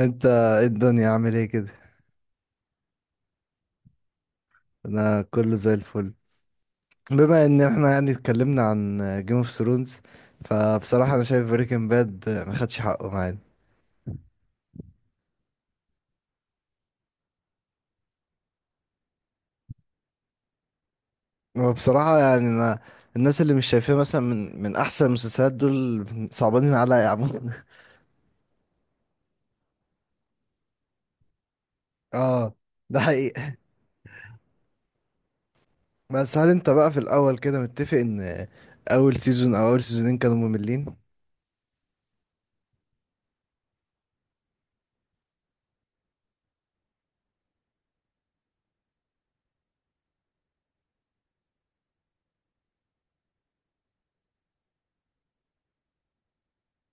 انت، ايه الدنيا، عامل ايه كده؟ انا كله زي الفل. بما ان احنا يعني اتكلمنا عن جيم اوف ثرونز، فبصراحه انا شايف بريكنج باد ما خدش حقه معانا. هو بصراحه يعني انا، الناس اللي مش شايفاه مثلا من احسن المسلسلات دول، صعبانين عليا يا عم اه، ده حقيقي. بس هل انت بقى في الاول كده متفق ان اول سيزون او اول سيزونين كانوا مملين؟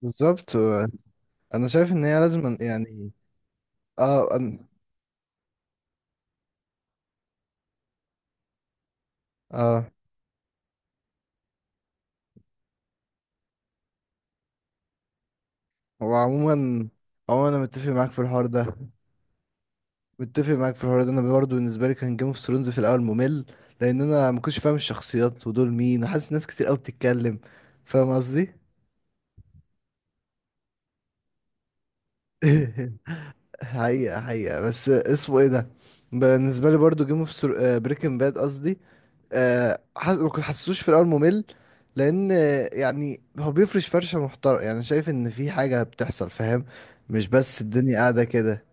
بالظبط. انا شايف ان هي لازم يعني. اه، اه، هو عموما، هو انا متفق معاك في الحوار ده. متفق معاك في الحوار ده، انا برضه بالنسبه لي كان جيم اوف ثرونز في الاول ممل، لان انا ما كنتش فاهم الشخصيات ودول مين، وحاسس ناس كتير قوي بتتكلم. فاهم قصدي؟ حقيقه، حقيقه. بس اسمه ايه ده، بالنسبه لي برضه بريكنج باد قصدي. آه، حس... ما كنت- حسيتوش في الاول ممل، لان يعني هو بيفرش فرشه محترمه، يعني شايف ان في حاجه بتحصل، فاهم؟ مش بس الدنيا قاعده كده.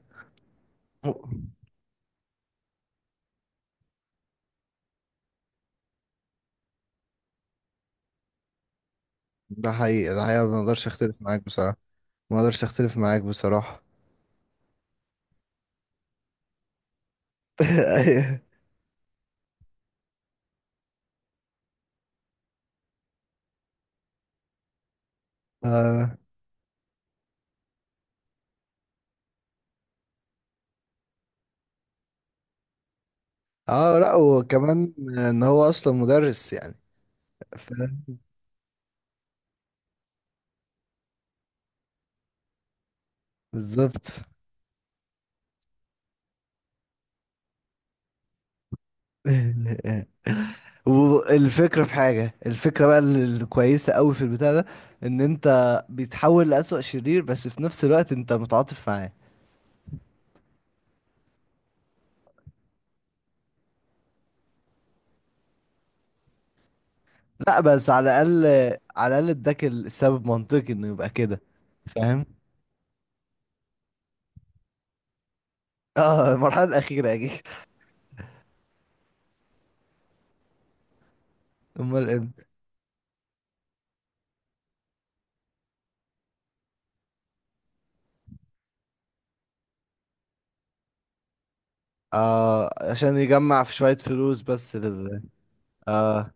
ده حقيقي، ده حقيقي، ما اقدرش اختلف معاك بصراحة. ما اقدرش اختلف معاك بصراحة. ايوه. اه. اه، لا، وكمان ان هو اصلا مدرس يعني. فاهم. بالظبط. والفكرة، في حاجة، الفكرة بقى الكويسة قوي في البتاع ده، ان انت بيتحول لأسوأ شرير، بس في نفس الوقت انت متعاطف معاه. لا، بس على الاقل، على الاقل اداك السبب منطقي انه يبقى كده. فاهم. اه، المرحلة الأخيرة اكيد. امال ايه. اه، عشان يجمع في شوية فلوس بس لل. اه.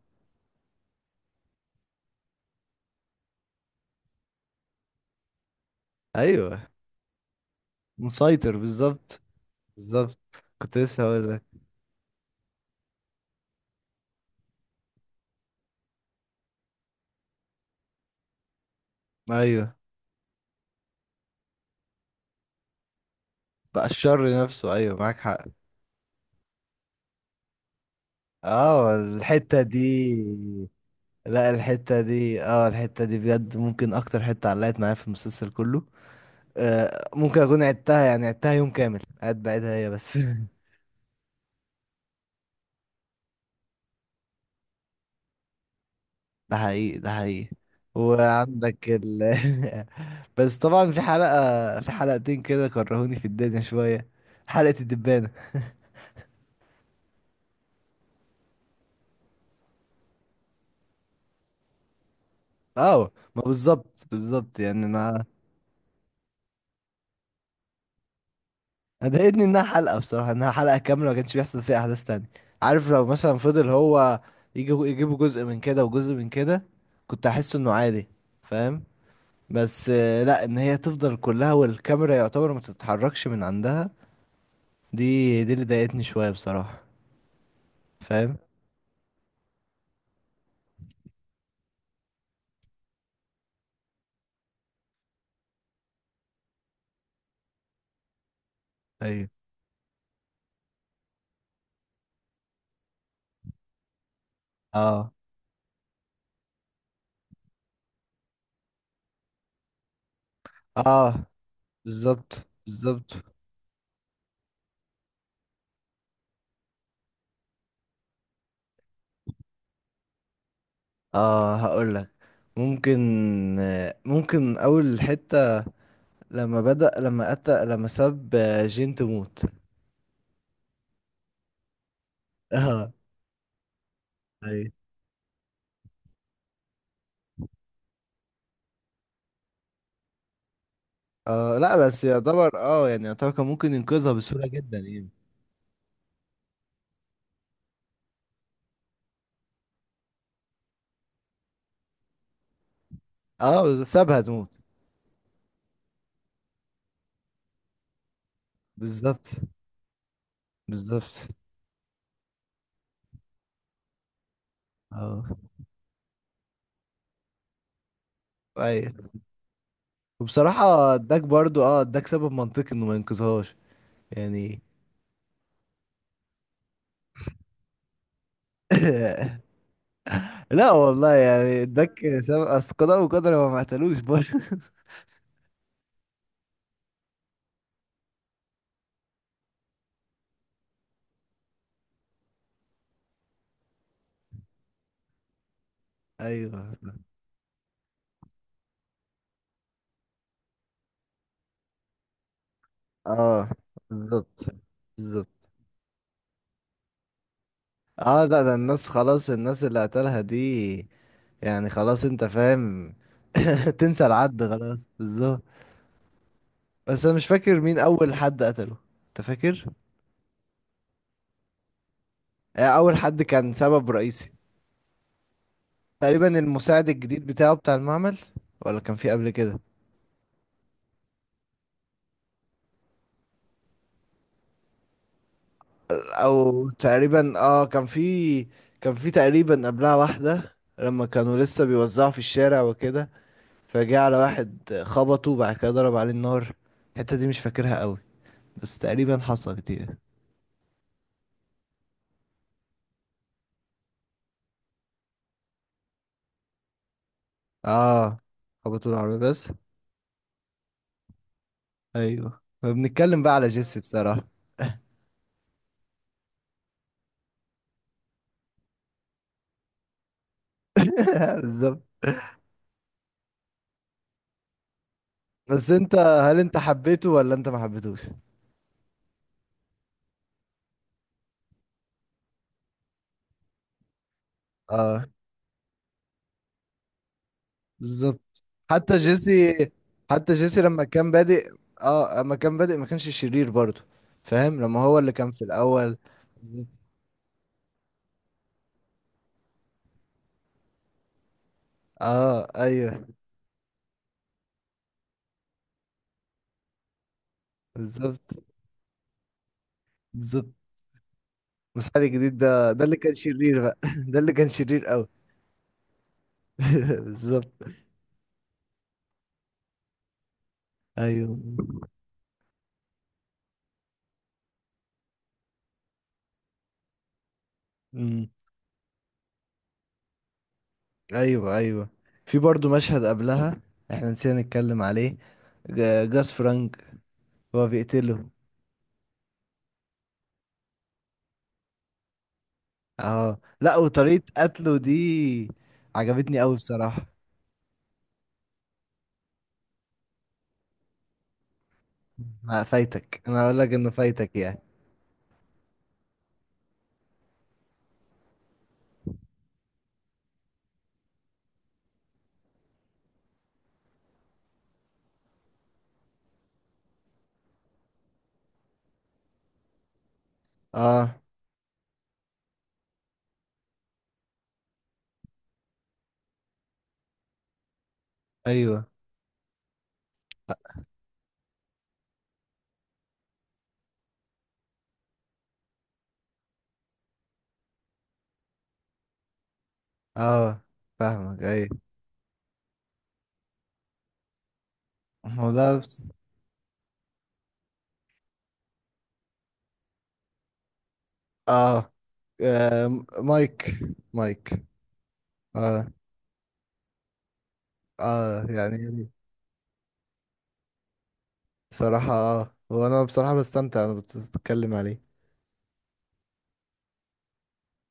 ايوه، مسيطر بالظبط. بالظبط. كنت لسه هقول لك. ايوه، بقى الشر نفسه. ايوه، معاك حق. اه، الحتة دي. لا، الحتة دي، الحتة دي بجد ممكن اكتر حتة علقت معايا في المسلسل كله. آه، ممكن اكون عدتها، يعني عدتها يوم كامل قاعد بعيدها هي بس. ده حقيقي، ده حقيقي. وعندك ال. بس طبعا، في حلقتين كده كرهوني في الدنيا شوية. حلقة الدبانة. اه. ما بالظبط، بالظبط، يعني انا، أنا ضايقتني انها حلقة بصراحة، انها حلقة كاملة ما كانش بيحصل فيها احداث تانية. عارف، لو مثلا فضل هو يجي يجيبوا جزء من كده وجزء من كده، كنت احس انه عادي. فاهم. بس لا، ان هي تفضل كلها والكاميرا يعتبر ما تتحركش من عندها، دي اللي ضايقتني شوية بصراحة. فاهم. ايوه. اه، اه، بالظبط، بالظبط. اه، هقول لك. ممكن ممكن اول حتة لما بدأ لما أتى لما ساب جين تموت. اه. اي. اه، لا بس يعتبر، يعتبر كان ممكن ينقذها بسهولة جدا يعني. اه، بس سابها تموت. بالظبط، بالظبط. اه. اي. وبصراحة اداك برضو، اداك سبب منطقي انه ما ينقذهاش يعني. لا والله، يعني اداك سبب، اصل قضاء وقدر، هو ما قتلوش برضه. ايوه. اه، بالظبط، بالظبط. اه، لا، ده الناس، خلاص الناس اللي قتلها دي يعني، خلاص انت فاهم. تنسى العد خلاص. بالظبط. بس انا مش فاكر مين اول حد قتله. انت فاكر؟ آه، اول حد كان سبب رئيسي تقريبا، المساعد الجديد بتاعه، بتاع المعمل. ولا كان في قبل كده او تقريبا؟ اه، كان في تقريبا قبلها واحدة لما كانوا لسه بيوزعوا في الشارع وكده، فجاء على واحد خبطه، وبعد كده ضرب عليه النار. الحتة دي مش فاكرها قوي، بس تقريبا حصلت دي. اه، خبطوا العربية بس. ايوه، فبنتكلم بقى على جيسي بصراحة. بالظبط. بس انت، هل انت حبيته ولا انت ما حبيتوش؟ اه، بالظبط. حتى جيسي، حتى جيسي لما كان بادئ، اه لما كان بادئ ما كانش شرير برضه. فاهم لما هو اللي كان في الاول. اه. ايوه. بالظبط، بالظبط. المساعد الجديد ده، ده اللي كان شرير بقى ده اللي كان شرير قوي. بالظبط. ايوه. امم. ايوه، ايوه، في برضه مشهد قبلها احنا نسينا نتكلم عليه، جاس فرانك هو بيقتله. اه، لا، وطريقة قتله دي عجبتني قوي بصراحة. لا، فايتك، انا اقول لك انه فايتك يعني. اه. ايوه. اه، فاهمك. ايوه، هو ده بس. اه، مايك. مايك. اه، اه، يعني بصراحة اه، هو انا بصراحة بستمتع انا بتتكلم عليه.